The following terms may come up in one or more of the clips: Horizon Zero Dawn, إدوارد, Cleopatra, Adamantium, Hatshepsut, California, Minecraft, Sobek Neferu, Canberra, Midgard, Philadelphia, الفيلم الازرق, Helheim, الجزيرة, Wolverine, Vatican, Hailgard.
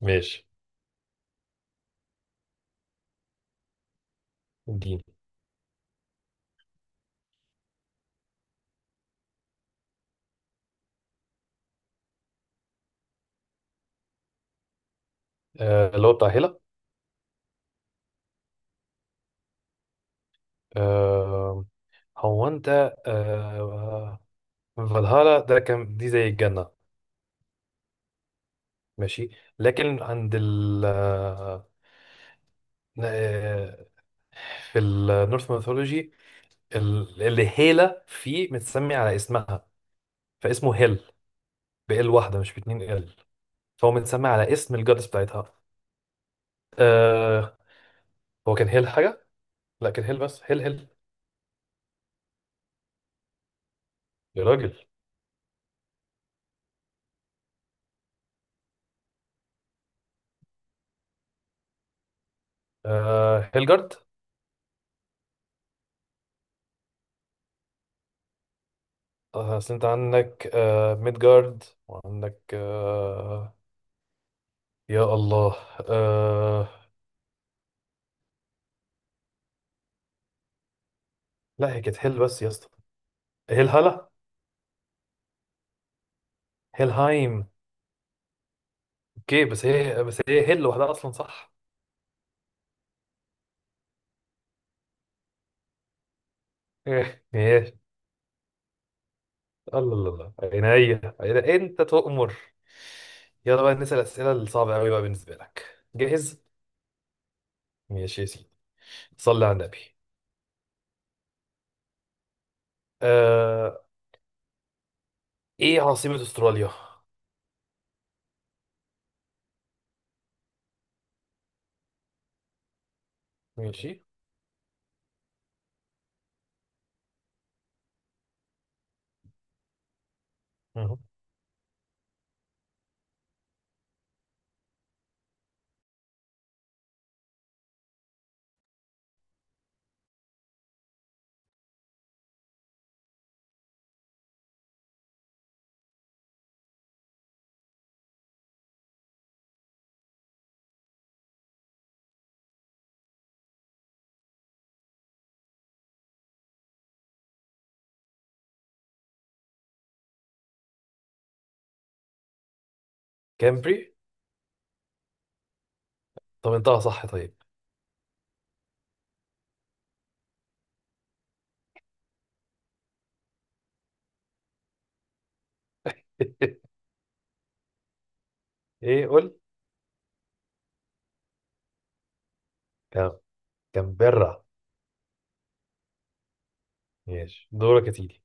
ماشي. اديني. آه، اللي هو بتاع هيلا. آه. هو انت. آه. فالهالا ده كان دي زي الجنة. ماشي. لكن عند ال آه، في النورث ميثولوجي اللي هيلا فيه متسمي على اسمها، فاسمه هيل، بال واحدة مش باتنين ال، فهو متسمي على اسم الجادس بتاعتها. آه، هو كان هيل حاجة؟ لا، كان هيل بس، هيل. يا راجل. آه، هيلجارد. اصل انت عندك ميدجارد وعندك يا الله. آه. لا، هي كانت هيل بس يا اسطى. هيل هلا. هيلهايم. اوكي، بس هي هيل لوحدها اصلا، صح؟ ايه ماشي. الله الله الله. عينيا عينيا، انت تؤمر. يلا بقى نسأل الأسئلة الصعبة قوي بقى. بالنسبة لك، جاهز؟ ماشي يا سيدي. صلي على النبي. آه. ايه عاصمة استراليا؟ ماشي. مهم. كامبري. طب انتهى صح، طيب. ايه قول. كام- كامبرا. ماشي، دورك يا سيدي.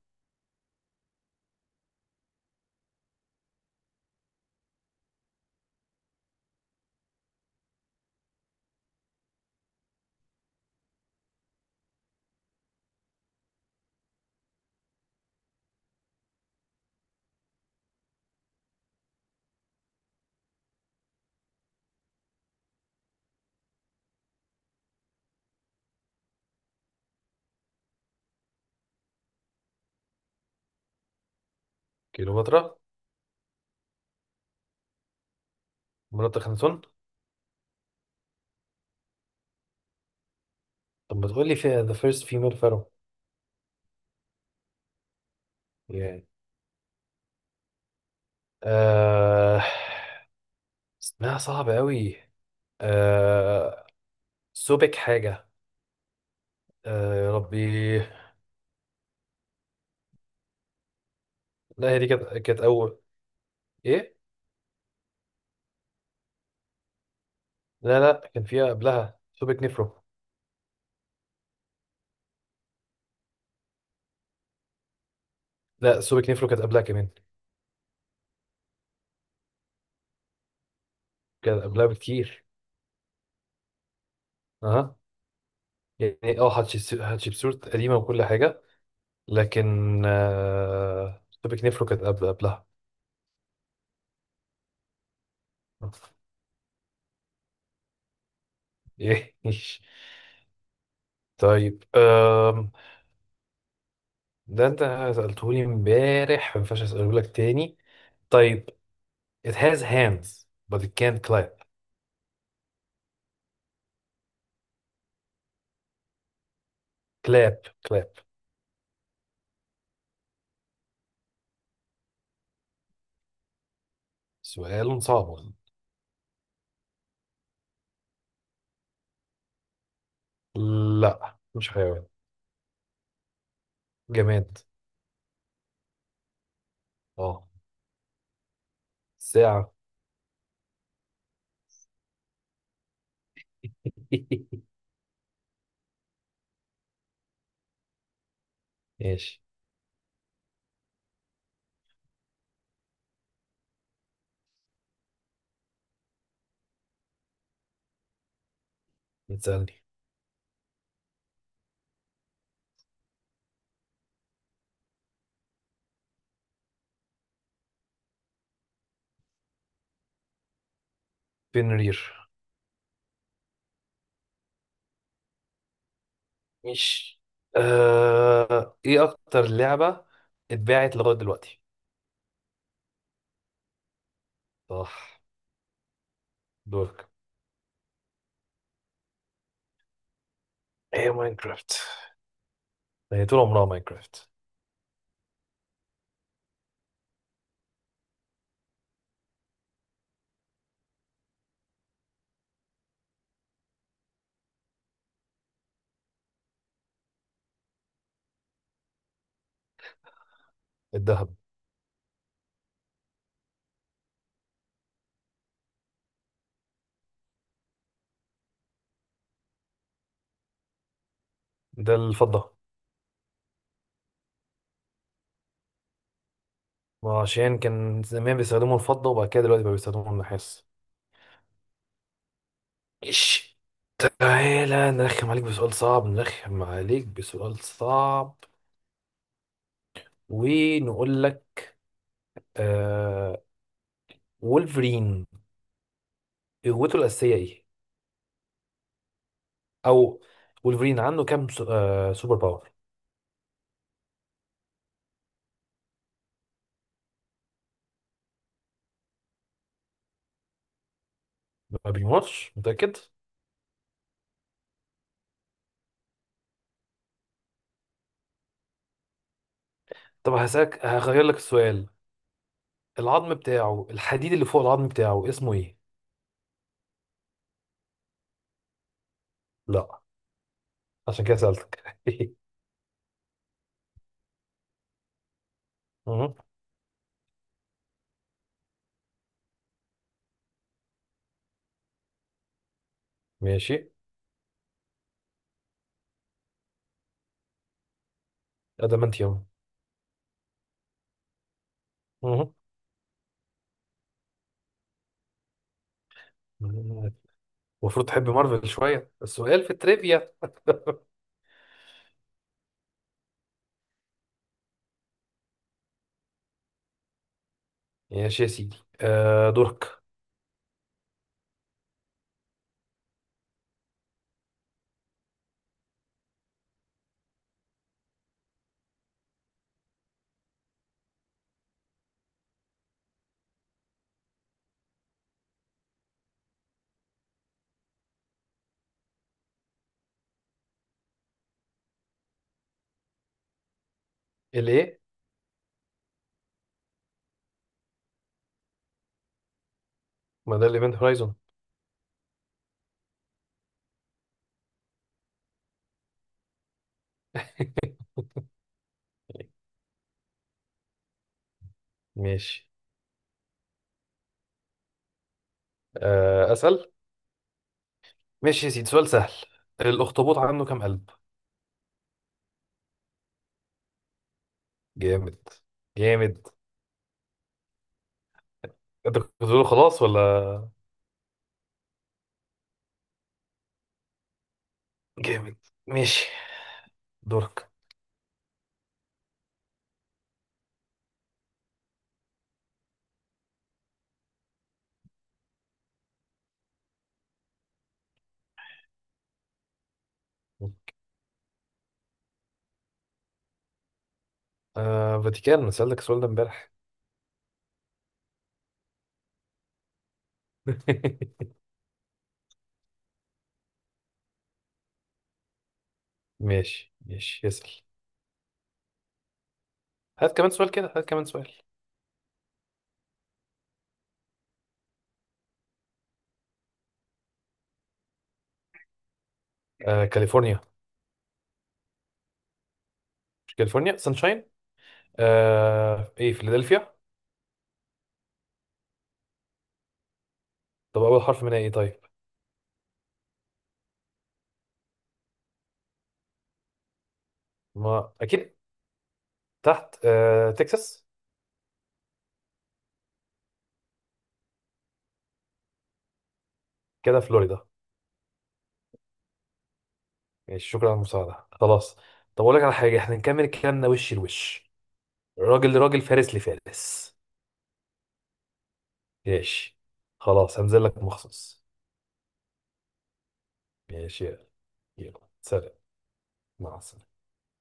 كليوباترا. مناطق خنسون. طب ما تقول لي فيها the first female pharaoh يعني. آه... اسمها صعب قوي. آه... سوبك حاجة. آه... يا ربي. لا هي دي كانت أول. إيه؟ لا لا، كان فيها قبلها سوبك نيفرو. لا، سوبك نيفرو كانت قبلها كمان. كانت قبلها بكتير. أها. يعني اه، هاتشبسوت قديمة وكل حاجة، لكن آه... سوبك نيفرو كانت قبلها. ايه طيب. ده انت سألتهولي امبارح، ما ينفعش اسأله لك تاني. طيب. It has hands but it can't clap. Clap clap. سؤال صعب. لا مش حيوان. جماد. اه. ساعة. ماشي. بتسألني؟ بنرير. مش. آه... ايه اكتر لعبة اتباعت لغاية دلوقتي؟ صح. دورك. ايه ماينكرافت، هي طول عمرها ماينكرافت. الذهب. ده الفضة. وعشان كان زمان بيستخدموا الفضة وبعد كده دلوقتي بقى بيستخدموا النحاس. إيش. تعالى نرخم عليك بسؤال صعب، نرخم عليك بسؤال صعب، ونقول لك. آه. وولفرين، قوته الأساسية إيه؟ أو وولفرين عنده كام سوبر باور؟ ما بيموتش، متأكد؟ طب هسألك، هغير لك السؤال. العظم بتاعه، الحديد اللي فوق العظم بتاعه اسمه إيه؟ لا. عشان كده سألتك. مهم. ماشي. أدمنتيوم. مهم. المفروض تحب مارفل شوية، السؤال في التريفيا. ماشي يا سيدي. آه، دورك. الايه؟ ما ده الايفنت هورايزون. ماشي. آه، اسأل. ماشي يا سيدي، سؤال سهل. الاخطبوط عنده كام قلب؟ جامد. جامد. انت كنت بتقول خلاص ولا؟ جامد. ماشي، دورك. آه، فاتيكان، انا سألتك السؤال ده امبارح. ماشي ماشي، اسأل. هات كمان سؤال كده، هات كمان سؤال. آه، كاليفورنيا. مش كاليفورنيا سانشاين. ايه، فيلادلفيا. طب اول حرف منها ايه طيب؟ ما اكيد. تحت تكساس. كده فلوريدا. ماشي، شكرا على المساعده، خلاص. طب اقول لك على حاجه، احنا نكمل كلامنا وش لوش، راجل لراجل، فارس لفارس. ماشي، خلاص هنزل لك مخصوص. ماشي يلا. يلا. سلام. مع السلامه.